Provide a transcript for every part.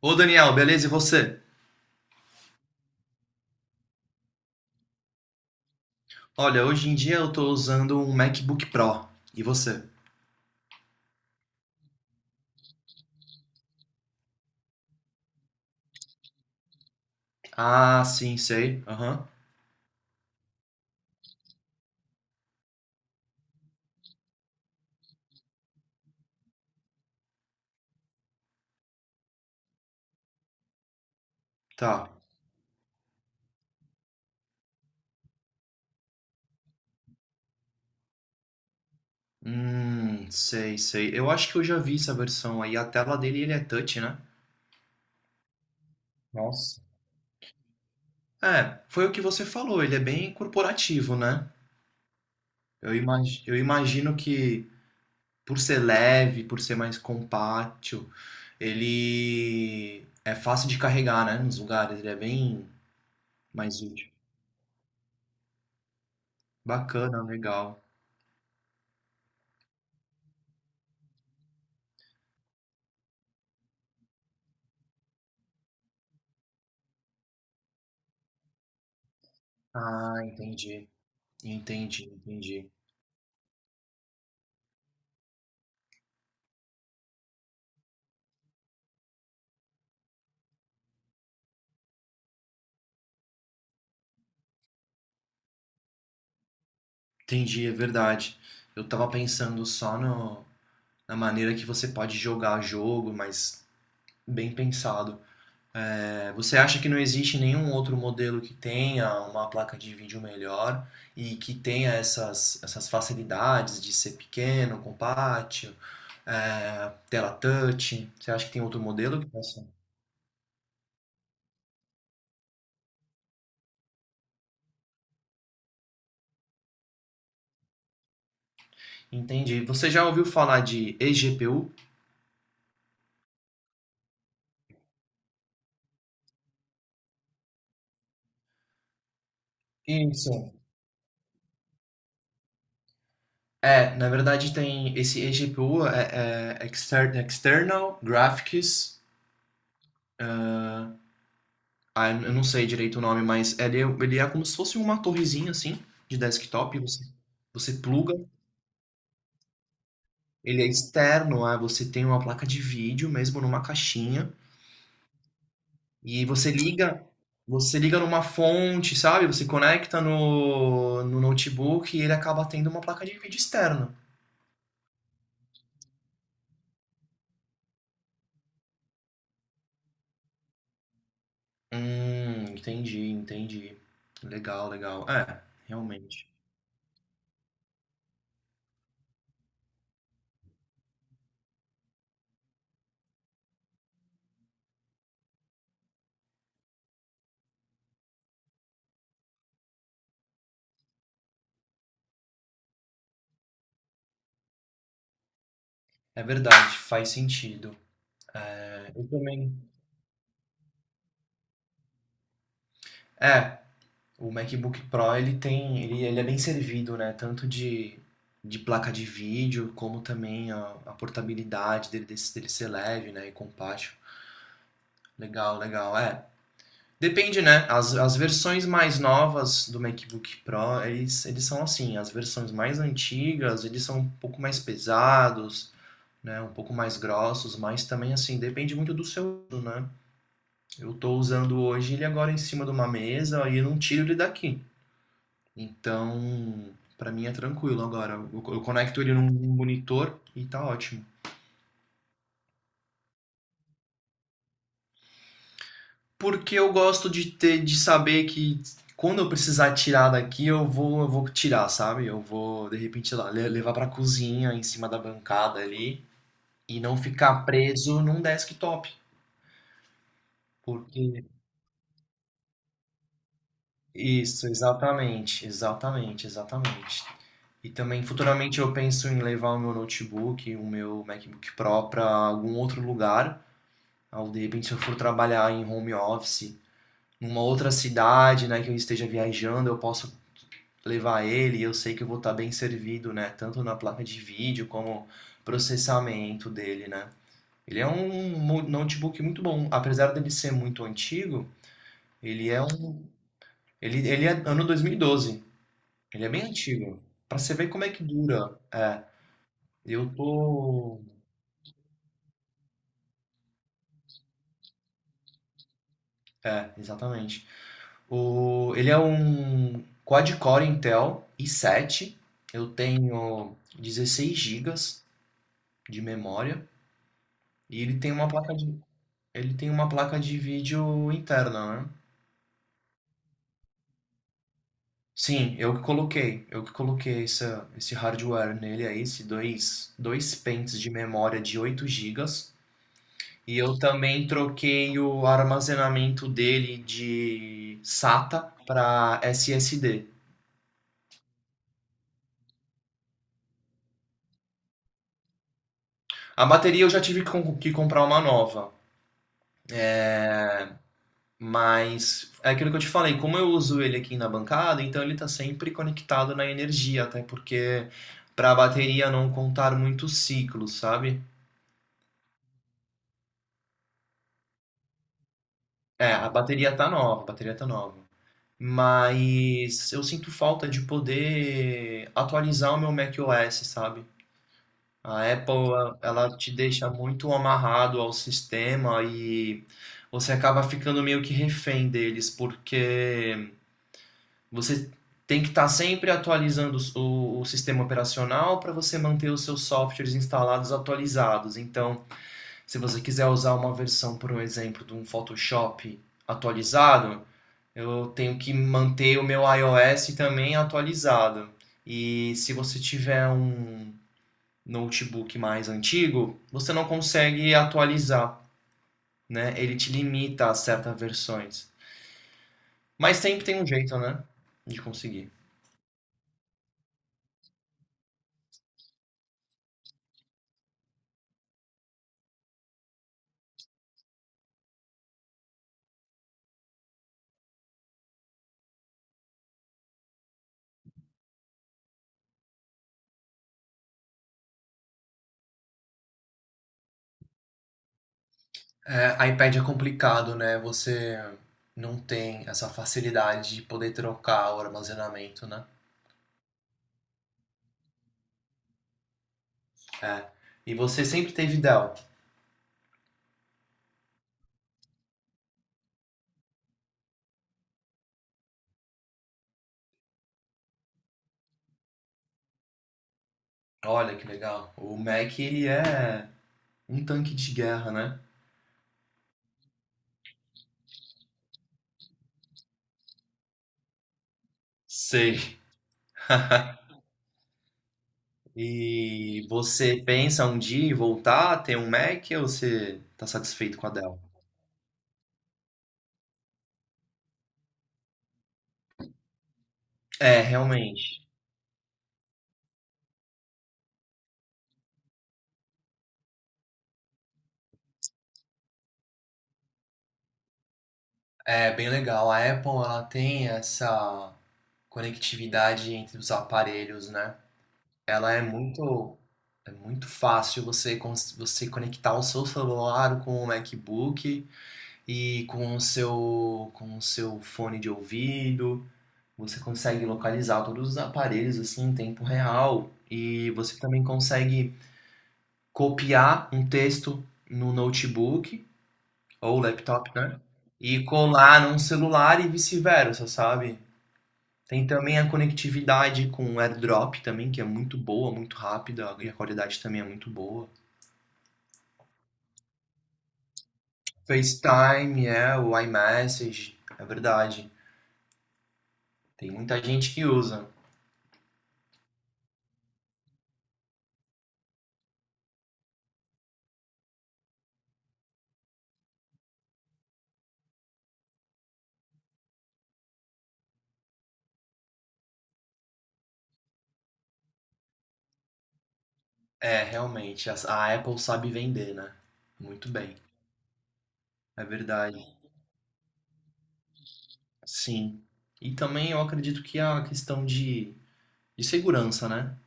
Ô Daniel, beleza? E você? Olha, hoje em dia eu tô usando um MacBook Pro. E você? Ah, sim, sei. Aham. Tá. Sei, sei. Eu acho que eu já vi essa versão aí. A tela dele, ele é touch, né? Nossa. É, foi o que você falou. Ele é bem corporativo, né? Eu imagino que por ser leve, por ser mais compacto, ele é fácil de carregar, né? Nos lugares. Ele é bem mais útil. Bacana, legal. Ah, entendi. Entendi, entendi. Entendi, é verdade. Eu tava pensando só no, na maneira que você pode jogar jogo, mas bem pensado. É, você acha que não existe nenhum outro modelo que tenha uma placa de vídeo melhor e que tenha essas facilidades de ser pequeno, compacto, tela touch? Você acha que tem outro modelo que possa? Entendi. Você já ouviu falar de eGPU? Isso. É, na verdade tem esse eGPU, External Graphics, ah, eu não sei direito o nome, mas ele é como se fosse uma torrezinha assim, de desktop, você pluga, ele é externo, ah, você tem uma placa de vídeo mesmo numa caixinha, e você liga numa fonte, sabe? Você conecta no notebook e ele acaba tendo uma placa de vídeo externa. Entendi, entendi. Legal, legal. É, realmente. É verdade, faz sentido. É, eu também. É, o MacBook Pro ele é bem servido, né? Tanto de placa de vídeo, como também a portabilidade dele ser leve, né? E compacto. Legal, legal. É. Depende, né? As versões mais novas do MacBook Pro, eles são assim. As versões mais antigas, eles são um pouco mais pesados, né? Um pouco mais grossos, mas também assim, depende muito do seu uso, né? Eu estou usando hoje ele agora em cima de uma mesa e eu não tiro ele daqui. Então, para mim é tranquilo agora. Eu conecto ele num monitor e tá ótimo. Porque eu gosto de ter, de saber que quando eu precisar tirar daqui, eu vou tirar, sabe? Eu vou, de repente, lá, levar pra cozinha, em cima da bancada ali, e não ficar preso num desktop. Porque Isso, exatamente, exatamente, exatamente. E também futuramente eu penso em levar o meu notebook, o meu MacBook Pro para algum outro lugar. Ao de repente, se eu for trabalhar em home office, numa outra cidade, né, que eu esteja viajando, eu posso levar ele e eu sei que eu vou estar bem servido, né, tanto na placa de vídeo como processamento dele, né. Ele é um notebook muito bom, apesar dele ser muito antigo, ele é um ele é ano 2012. Ele é bem antigo. Pra você ver como é que dura. É, eu tô. É, exatamente. O... Ele é um quad-core Intel i7. Eu tenho 16 gigas de memória. E ele tem uma placa de... ele tem uma placa de vídeo interna, né? Sim, eu que coloquei. Eu que coloquei esse hardware nele aí, esse dois pentes de memória de 8 gigas. E eu também troquei o armazenamento dele de SATA para SSD. A bateria eu já tive que comprar uma nova, mas é aquilo que eu te falei, como eu uso ele aqui na bancada, então ele está sempre conectado na energia, até porque para a bateria não contar muitos ciclos, sabe? É, a bateria tá nova, a bateria tá nova. Mas eu sinto falta de poder atualizar o meu macOS, sabe? A Apple, ela te deixa muito amarrado ao sistema e você acaba ficando meio que refém deles, porque você tem que estar sempre atualizando o sistema operacional para você manter os seus softwares instalados atualizados. Então, se você quiser usar uma versão, por um exemplo, de um Photoshop atualizado, eu tenho que manter o meu iOS também atualizado. E se você tiver um notebook mais antigo, você não consegue atualizar, né? Ele te limita a certas versões. Mas sempre tem um jeito, né? De conseguir. É, iPad é complicado, né? Você não tem essa facilidade de poder trocar o armazenamento, né? É. E você sempre teve Dell. Olha que legal. O Mac, ele é um tanque de guerra, né? Sei. E você pensa um dia em voltar a ter um Mac ou você tá satisfeito com a Dell? É, realmente. É bem legal. A Apple, ela tem essa conectividade entre os aparelhos, né? Ela é muito fácil você conectar o seu celular com o MacBook e com o seu fone de ouvido. Você consegue localizar todos os aparelhos assim em tempo real. E você também consegue copiar um texto no notebook ou laptop, né? E colar num celular e vice-versa, sabe? Tem também a conectividade com o AirDrop também, que é muito boa, muito rápida, e a qualidade também é muito boa. FaceTime, é, o iMessage, é verdade. Tem muita gente que usa. É, realmente, a Apple sabe vender, né? Muito bem, é verdade. Sim. E também eu acredito que a questão de segurança, né?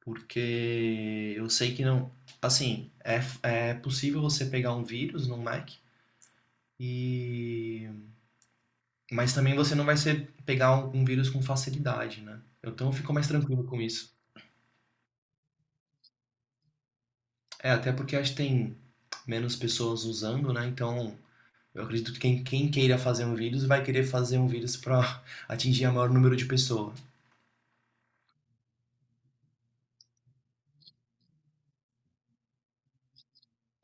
Porque eu sei que não. Assim, é, é possível você pegar um vírus no Mac e. Mas também você não vai ser pegar um, um vírus com facilidade, né? Então eu fico mais tranquilo com isso. É, até porque acho que tem menos pessoas usando, né? Então eu acredito que quem, quem queira fazer um vírus vai querer fazer um vírus para atingir o maior número de pessoas.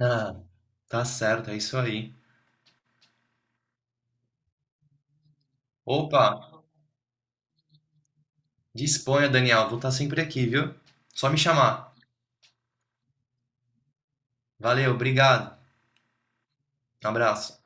Ah, tá certo, é isso aí. Opa, disponha, Daniel. Vou estar sempre aqui, viu? Só me chamar. Valeu, obrigado. Abraço.